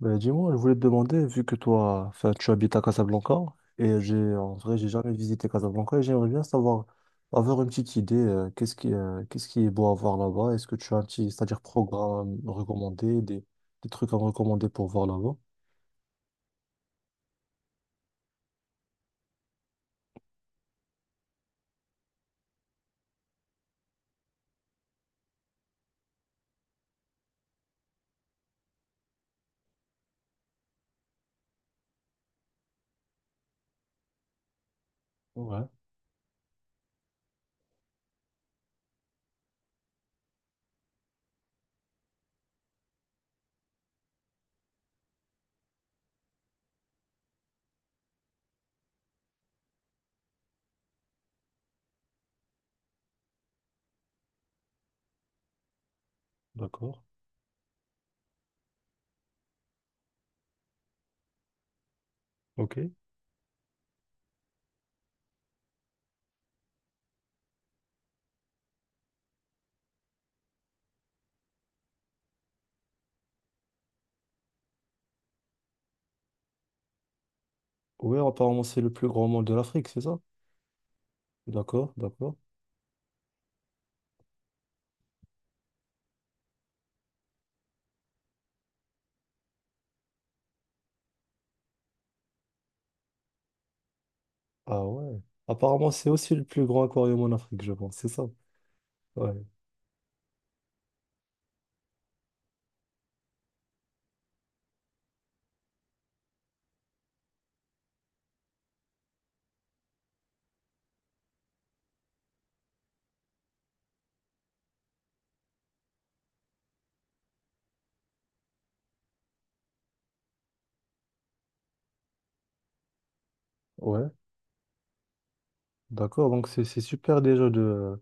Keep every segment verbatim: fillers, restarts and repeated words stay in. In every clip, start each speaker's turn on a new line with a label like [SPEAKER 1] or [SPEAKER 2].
[SPEAKER 1] Ben, dis-moi, je voulais te demander, vu que toi, enfin, tu habites à Casablanca, et j'ai, en vrai, j'ai jamais visité Casablanca, et j'aimerais bien savoir, avoir une petite idée, euh, qu'est-ce qui, euh, qu'est-ce qui est beau à voir là-bas? Est-ce que tu as un petit, c'est-à-dire programme recommandé, des, des trucs à me recommander pour voir là-bas? Ouais, d'accord. Ok. Oui, apparemment, c'est le plus grand mall de l'Afrique, c'est ça? D'accord, d'accord. Ah ouais. Apparemment, c'est aussi le plus grand aquarium en Afrique, je pense, c'est ça? Ouais. Ouais, d'accord. Donc, c'est c'est super déjà de.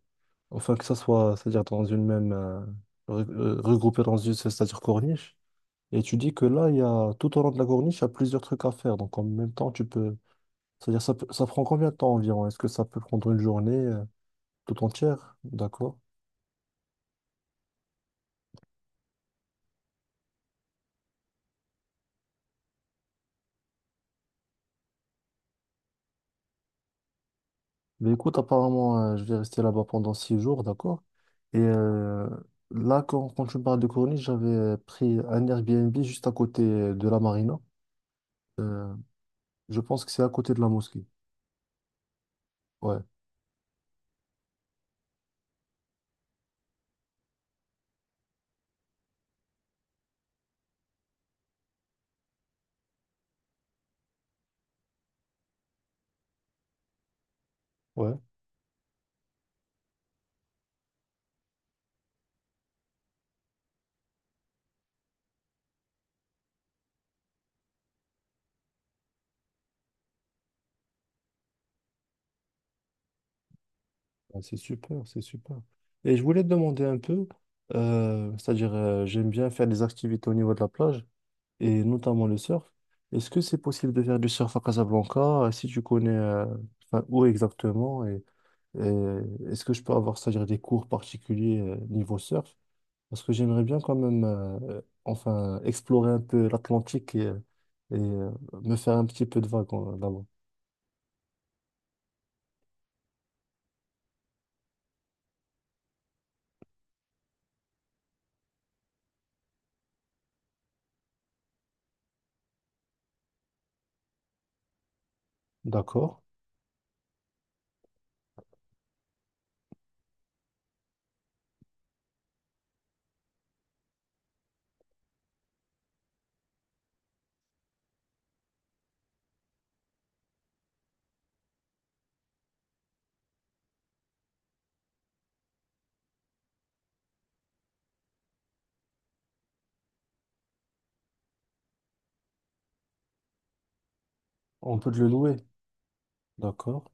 [SPEAKER 1] Enfin, que ça soit, c'est-à-dire dans une même, euh, re- euh, regroupé dans une, c'est-à-dire corniche. Et tu dis que là, il y a, tout au long de la corniche, il y a plusieurs trucs à faire. Donc, en même temps, tu peux, c'est-à-dire, ça, peut- ça prend combien de temps environ? Est-ce que ça peut prendre une journée, euh, tout entière? D'accord. Mais écoute, apparemment, euh, je vais rester là-bas pendant six jours, d'accord? Et euh, là, quand, quand tu me parles de corniche, j'avais euh, pris un Airbnb juste à côté euh, de la marina. Euh, je pense que c'est à côté de la mosquée. Ouais. Ouais. Ah, c'est super, c'est super. Et je voulais te demander un peu, euh, c'est-à-dire euh, j'aime bien faire des activités au niveau de la plage et notamment le surf. Est-ce que c'est possible de faire du surf à Casablanca? euh, Si tu connais euh, enfin, où exactement et, et est-ce que je peux avoir, c'est-à-dire des cours particuliers euh, niveau surf? Parce que j'aimerais bien quand même euh, euh, enfin explorer un peu l'Atlantique et, et, euh, me faire un petit peu de vague euh, là-bas. D'accord. On peut te le louer. D'accord.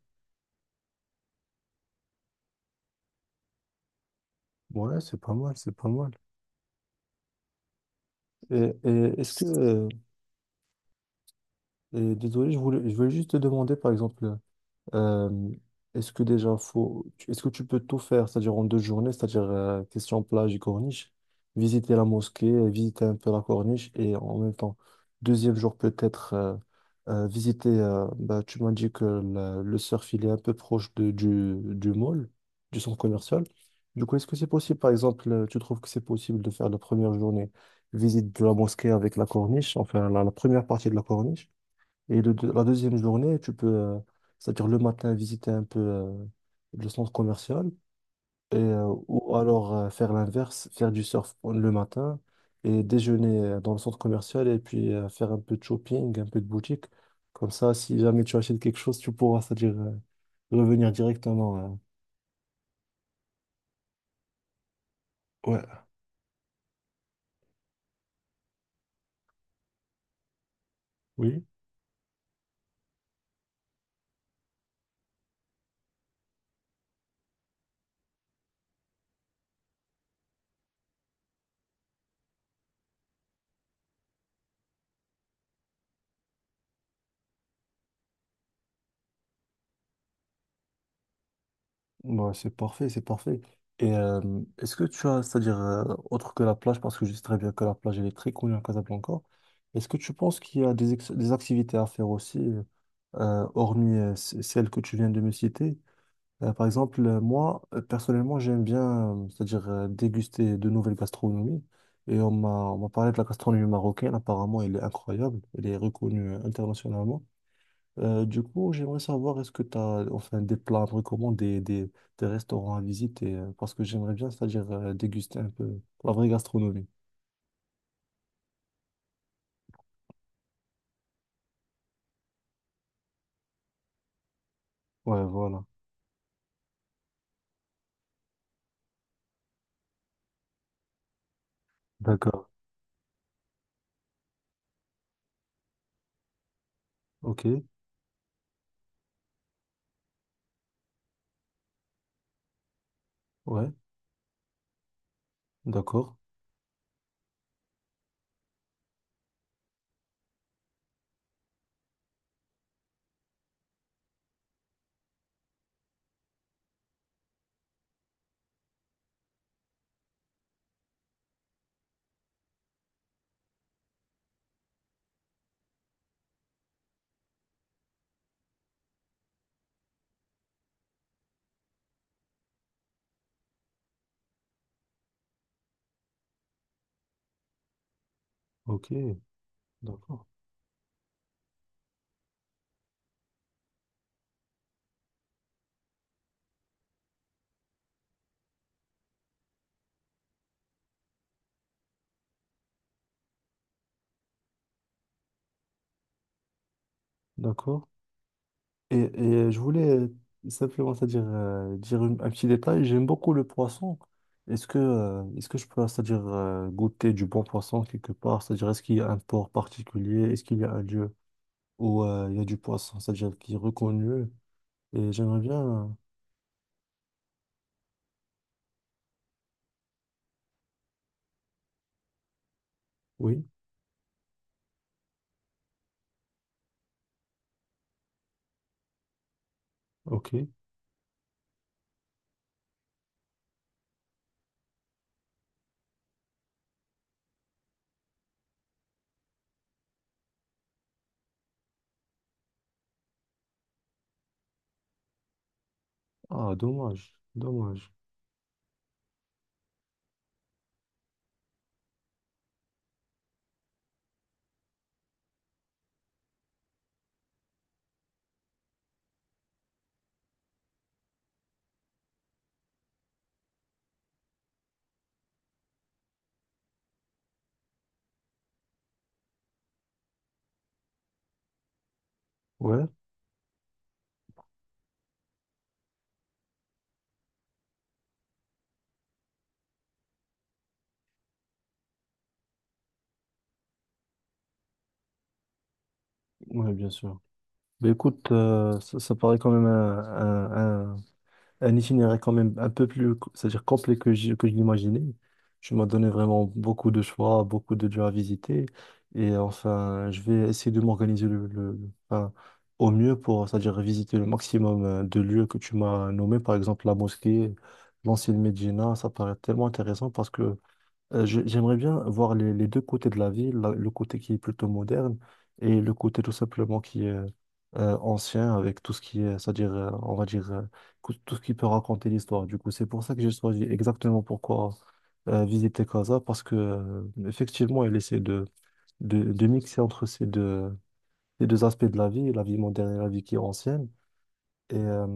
[SPEAKER 1] Ouais, c'est pas mal, c'est pas mal. Et, et est-ce que, euh, et désolé, je voulais, je voulais juste te demander, par exemple, Euh, est-ce que déjà faut, tu- est-ce que tu peux tout faire, c'est-à-dire en deux journées, c'est-à-dire euh, question plage et corniche, visiter la mosquée, euh, visiter un peu la corniche et en même temps, deuxième jour peut-être euh, euh, visiter. Euh, bah, tu m'as dit que la- le surf il est un peu proche de, du, du mall, du centre commercial. Du coup, est-ce que c'est possible, par exemple, euh, tu trouves que c'est possible de faire la première journée visite de la mosquée avec la corniche, enfin la la première partie de la corniche? Et le deux- la deuxième journée, tu peux, euh, c'est-à-dire le matin, visiter un peu euh, le centre commercial et, euh, ou alors euh, faire l'inverse, faire du surf le matin et déjeuner euh, dans le centre commercial et puis euh, faire un peu de shopping, un peu de boutique. Comme ça, si jamais tu achètes quelque chose, tu pourras, c'est-à-dire euh, revenir directement. euh, Ouais. Oui. Ouais, c'est parfait, c'est parfait. Et euh, est-ce que tu as, c'est-à-dire, euh, autre que la plage, parce que je sais très bien que la plage elle est très connue à Casablanca, est-ce que tu penses qu'il y a des, ex- des activités à faire aussi, euh, euh, hormis euh, c- celles que tu viens de me citer? Euh, par exemple, euh, moi, euh, personnellement, j'aime bien, euh, c'est-à-dire, euh, déguster de nouvelles gastronomies. Et on m'a on m'a parlé de la gastronomie marocaine, apparemment, elle est incroyable, elle est reconnue euh, internationalement. Euh, du coup, j'aimerais savoir, est-ce que tu as enfin, des plats à me recommander, des, des restaurants à visiter, euh, parce que j'aimerais bien, c'est-à-dire euh, déguster un peu la vraie gastronomie. Ouais, voilà. D'accord. Ok. Ouais. D'accord. Ok. D'accord. D'accord. Et, et je voulais euh, simplement, c'est-à-dire euh, dire une- un petit détail. J'aime beaucoup le poisson. Est-ce que, euh, est-ce que je peux, c'est-à-dire euh, goûter du bon poisson quelque part? C'est-à-dire, est-ce qu'il y a un port particulier? Est-ce qu'il y a un lieu où euh, il y a du poisson, c'est-à-dire qui est reconnu? Et j'aimerais bien. euh, Oui, ok. Ah, dommage, dommage. Ouais, ouais, bien sûr. Mais écoute, euh, ça, ça paraît quand même un, un, un- un itinéraire quand même un peu plus, co- c'est-à-dire complet que je, que je l'imaginais. Tu m'as donné vraiment beaucoup de choix, beaucoup de lieux à visiter. Et enfin, je vais essayer de m'organiser le, le- le- enfin, au mieux pour, c'est-à-dire visiter le maximum euh, de lieux que tu m'as nommés, par exemple la mosquée, l'ancienne Médina. Ça paraît tellement intéressant parce que Euh, je- j'aimerais bien voir les, les deux côtés de la ville, la- le côté qui est plutôt moderne et le côté tout simplement qui est euh, ancien avec tout ce qui est, c'est-à-dire, euh, on va dire, euh, cou- tout ce qui peut raconter l'histoire. Du coup, c'est pour ça que j'ai choisi exactement pourquoi euh, visiter Casa, parce que euh, effectivement, elle essaie de, de, de mixer entre ces deux, ces deux aspects de la vie, la vie moderne et la vie qui est ancienne. Et euh,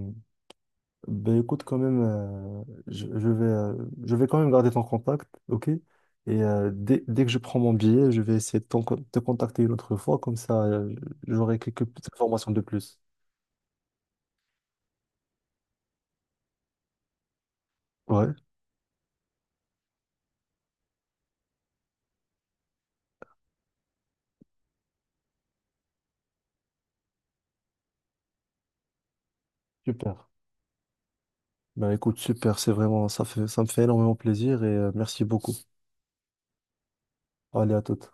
[SPEAKER 1] ben écoute, quand même, euh, je, je vais, euh, je vais quand même garder ton contact, ok? Et euh, dès, dès que je prends mon billet, je vais essayer de t'en con- te contacter une autre fois, comme ça, euh, j'aurai quelques petites informations de plus. Ouais, super. Ben écoute, super, c'est vraiment, ça fait, ça me fait énormément plaisir et euh, merci beaucoup. Allez, à toute.